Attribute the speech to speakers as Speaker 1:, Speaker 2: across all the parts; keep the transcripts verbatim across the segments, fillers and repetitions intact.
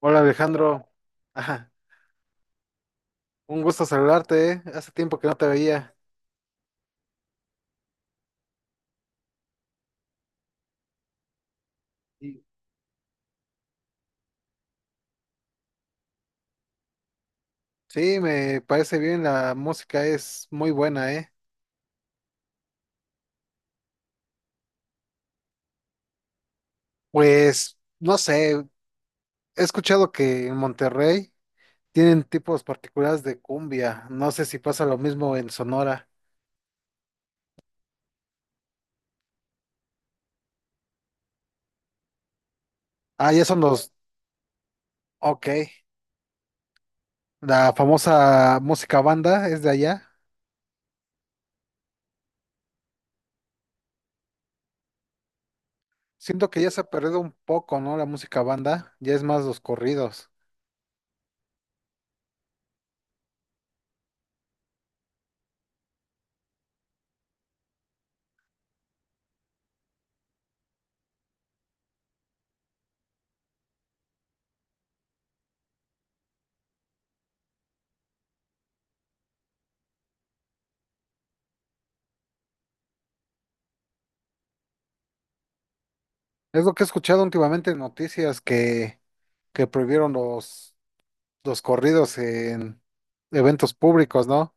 Speaker 1: Hola Alejandro, ajá, un gusto saludarte, ¿eh? Hace tiempo que no te veía. Y- Sí, me parece bien, la música es muy buena, ¿eh? Pues, no sé, he escuchado que en Monterrey tienen tipos particulares de cumbia, no sé si pasa lo mismo en Sonora. Ah, ya son los, ok, la famosa música banda es de allá. Siento que ya se ha perdido un poco, ¿no? La música banda, ya es más los corridos. Es lo que he escuchado últimamente en noticias que... que prohibieron los, los corridos en eventos públicos, ¿no?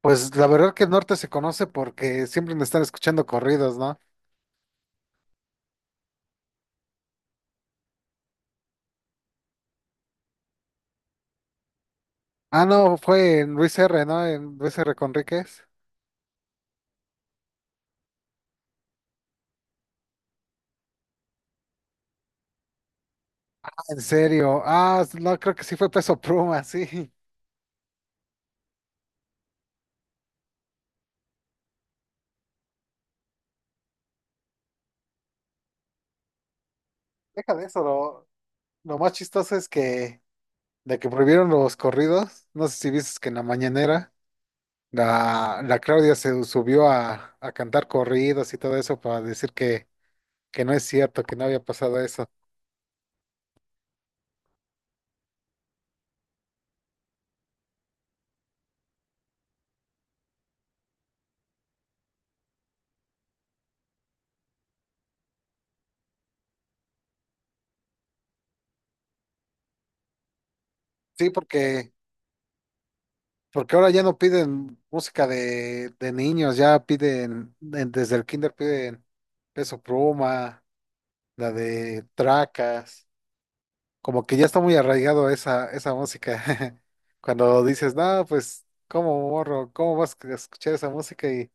Speaker 1: Pues la verdad que el norte se conoce porque siempre me están escuchando corridos, ¿no? Ah, no, fue en Luis R, ¿no? En Luis R. Conríquez. Ah, en serio. Ah, no, creo que sí fue Peso Pluma, sí. Deja de eso, lo, lo más chistoso es que de que prohibieron los corridos, no sé si viste que en la mañanera la, la Claudia se subió a, a cantar corridos y todo eso para decir que, que no es cierto, que no había pasado eso. Sí, porque, porque ahora ya no piden música de, de niños, ya piden, de- desde el kinder piden Peso Pluma, la de Tracas, como que ya está muy arraigado esa, esa música. Cuando dices, no, pues, ¿cómo morro? ¿Cómo vas a escuchar esa música? Y,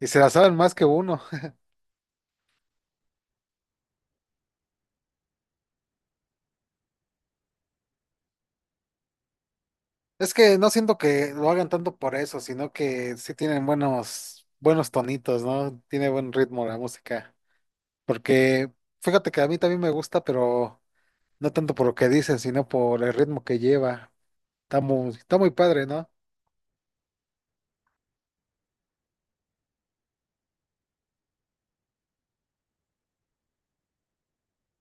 Speaker 1: y se la saben más que uno. Es que no siento que lo hagan tanto por eso, sino que sí tienen buenos, buenos tonitos, ¿no? Tiene buen ritmo la música. Porque, fíjate que a mí también me gusta, pero no tanto por lo que dicen, sino por el ritmo que lleva. Está muy, está muy padre, ¿no?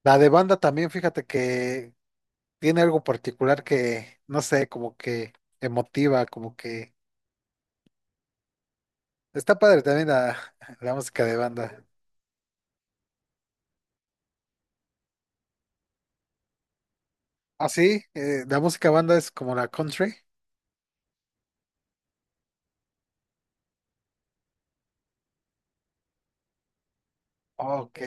Speaker 1: La de banda también, fíjate que tiene algo particular que, no sé, como que emotiva, como que... está padre también la, la música de banda. Ah, sí, eh, la música banda es como la country. Ah, ok.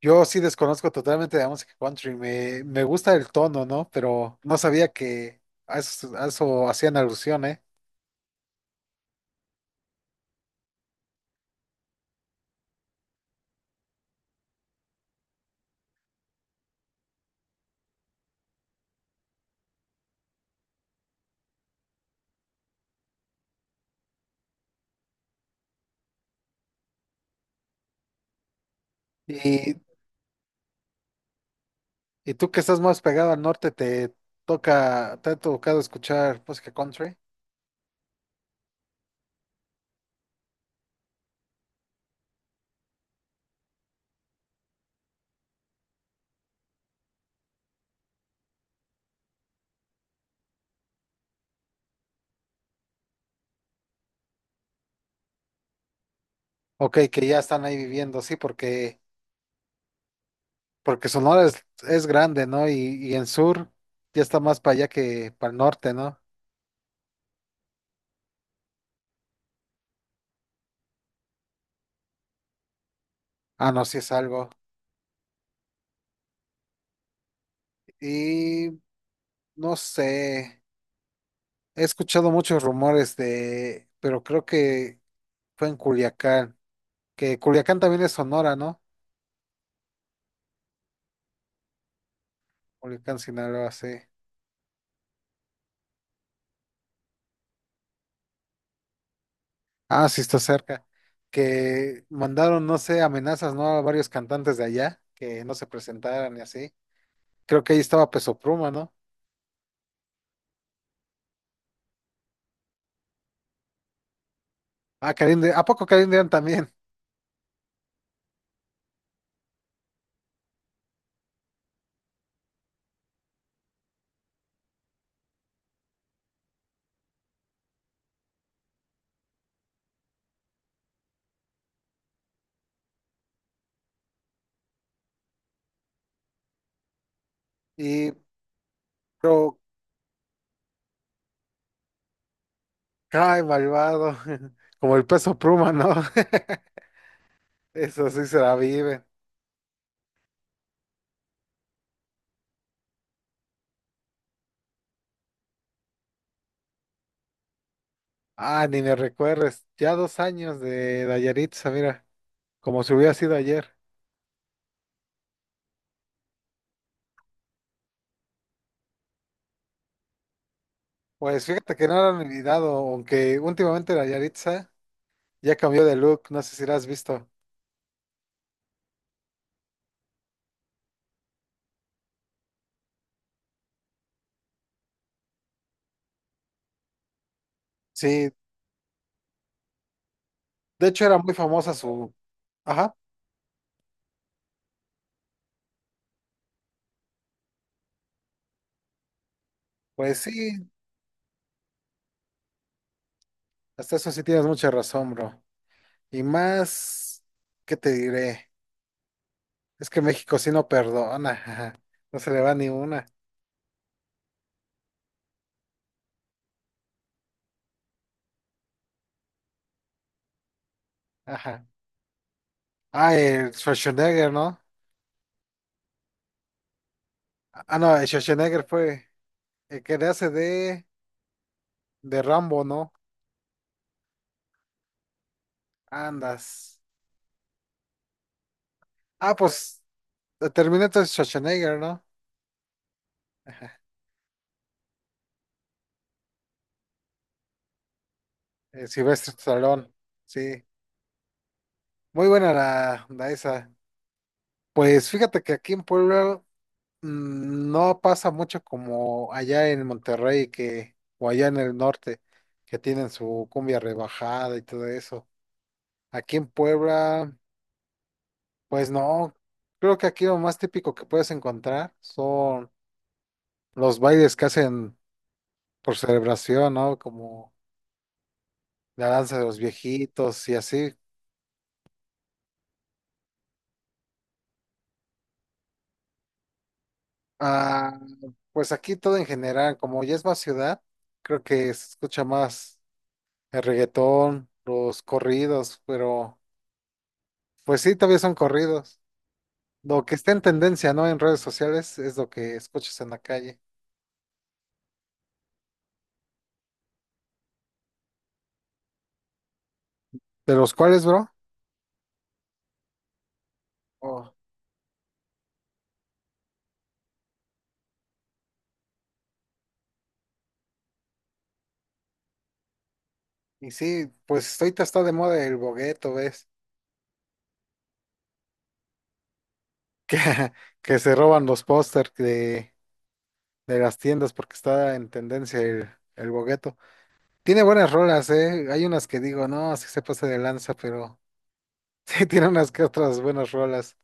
Speaker 1: Yo sí desconozco totalmente la música country. Me, me gusta el tono, ¿no? Pero no sabía que a eso, a eso hacían alusión, ¿eh? Y Y tú que estás más pegado al norte, ¿te toca, te ha tocado escuchar música country? Ok, que ya están ahí viviendo, sí, porque, porque Sonora es, es grande, ¿no? Y, y en sur ya está más para allá que para el norte, ¿no? Ah, no, sí es algo. Y no sé, he escuchado muchos rumores de, pero creo que fue en Culiacán, que Culiacán también es Sonora, ¿no? Culiacán, Sinaloa, sí. Ah, sí, está cerca. Que mandaron, no sé, amenazas, ¿no? A varios cantantes de allá que no se presentaran y así. Creo que ahí estaba Peso Pluma, ¿no? Ah, Karim de, ¿a poco Karim León también? Y, pero, cae malvado. Como el Peso Pluma, ¿no? Eso sí se la vive. Ah, ni me recuerdes. Ya dos años de Dayaritza, mira. Como si hubiera sido ayer. Pues fíjate que no lo han olvidado, aunque últimamente Dayaritza ya cambió de look. No sé si lo has visto. Sí, de hecho, era muy famosa su... ajá, pues sí, hasta eso sí tienes mucha razón, bro. Y más, ¿qué te diré? Es que México sí no perdona, ajá. No se le va ni una, ajá. Ah, el Schwarzenegger, ¿no? Ah, no, el Schwarzenegger fue el que le hace de, de Rambo, ¿no? Andas. Ah, pues Terminator es Schwarzenegger, ¿no? Ajá. El silvestre Stallone, sí. Muy buena la, la esa. Pues fíjate que aquí en Puebla mm, no pasa mucho como allá en Monterrey que, o allá en el norte, que tienen su cumbia rebajada y todo eso. Aquí en Puebla, pues no, creo que aquí lo más típico que puedes encontrar son los bailes que hacen por celebración, ¿no? Como la danza de los viejitos y así. Ah, pues aquí todo en general, como ya es más ciudad, creo que se escucha más el reggaetón, los corridos, pero... pues sí, todavía son corridos. Lo que está en tendencia, ¿no? En redes sociales es lo que escuchas en la calle. ¿De los cuales, bro? Oh, y sí, pues ahorita está de moda el bogueto, ¿ves? Que, que se roban los pósters de, de las tiendas porque está en tendencia el, el bogueto. Tiene buenas rolas, ¿eh? Hay unas que digo, no, sí se pasa de lanza, pero sí tiene unas que otras buenas rolas.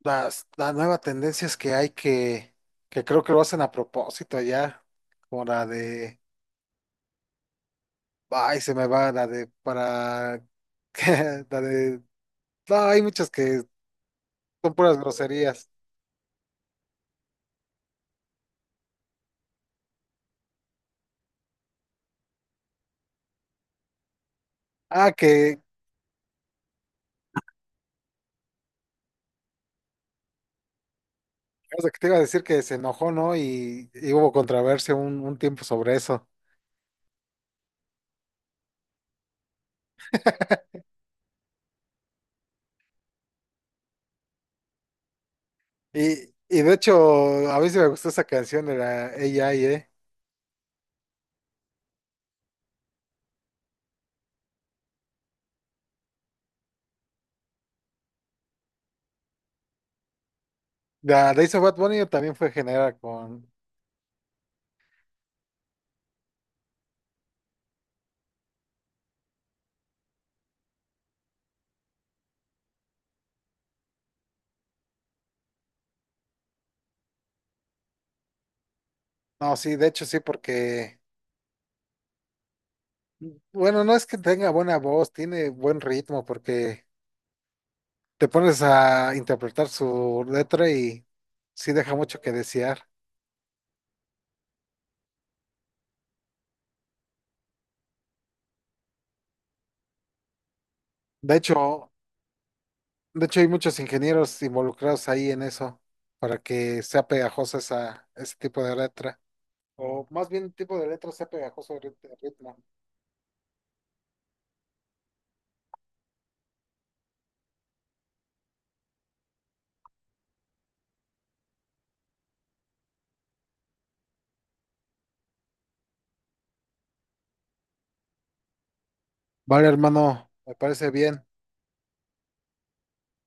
Speaker 1: Las, la nueva tendencia es que hay que, que creo que lo hacen a propósito ya, como la de ay, se me va la de para la de no, hay muchas que son puras groserías. Ah, que, o sea, que te iba a decir que se enojó, ¿no? Y, y hubo controversia un, un tiempo sobre eso. Y, y de hecho, a mí sí me gustó esa canción de la A I, ¿eh? La de Ace of Bad Bunny también fue generada con. No, sí, de hecho sí, porque. Bueno, no es que tenga buena voz, tiene buen ritmo, porque te pones a interpretar su letra y sí deja mucho que desear. De hecho, de hecho hay muchos ingenieros involucrados ahí en eso, para que sea pegajosa esa, ese tipo de letra. O más bien tipo de letra sea pegajoso el rit- el ritmo. Vale, hermano, me parece bien.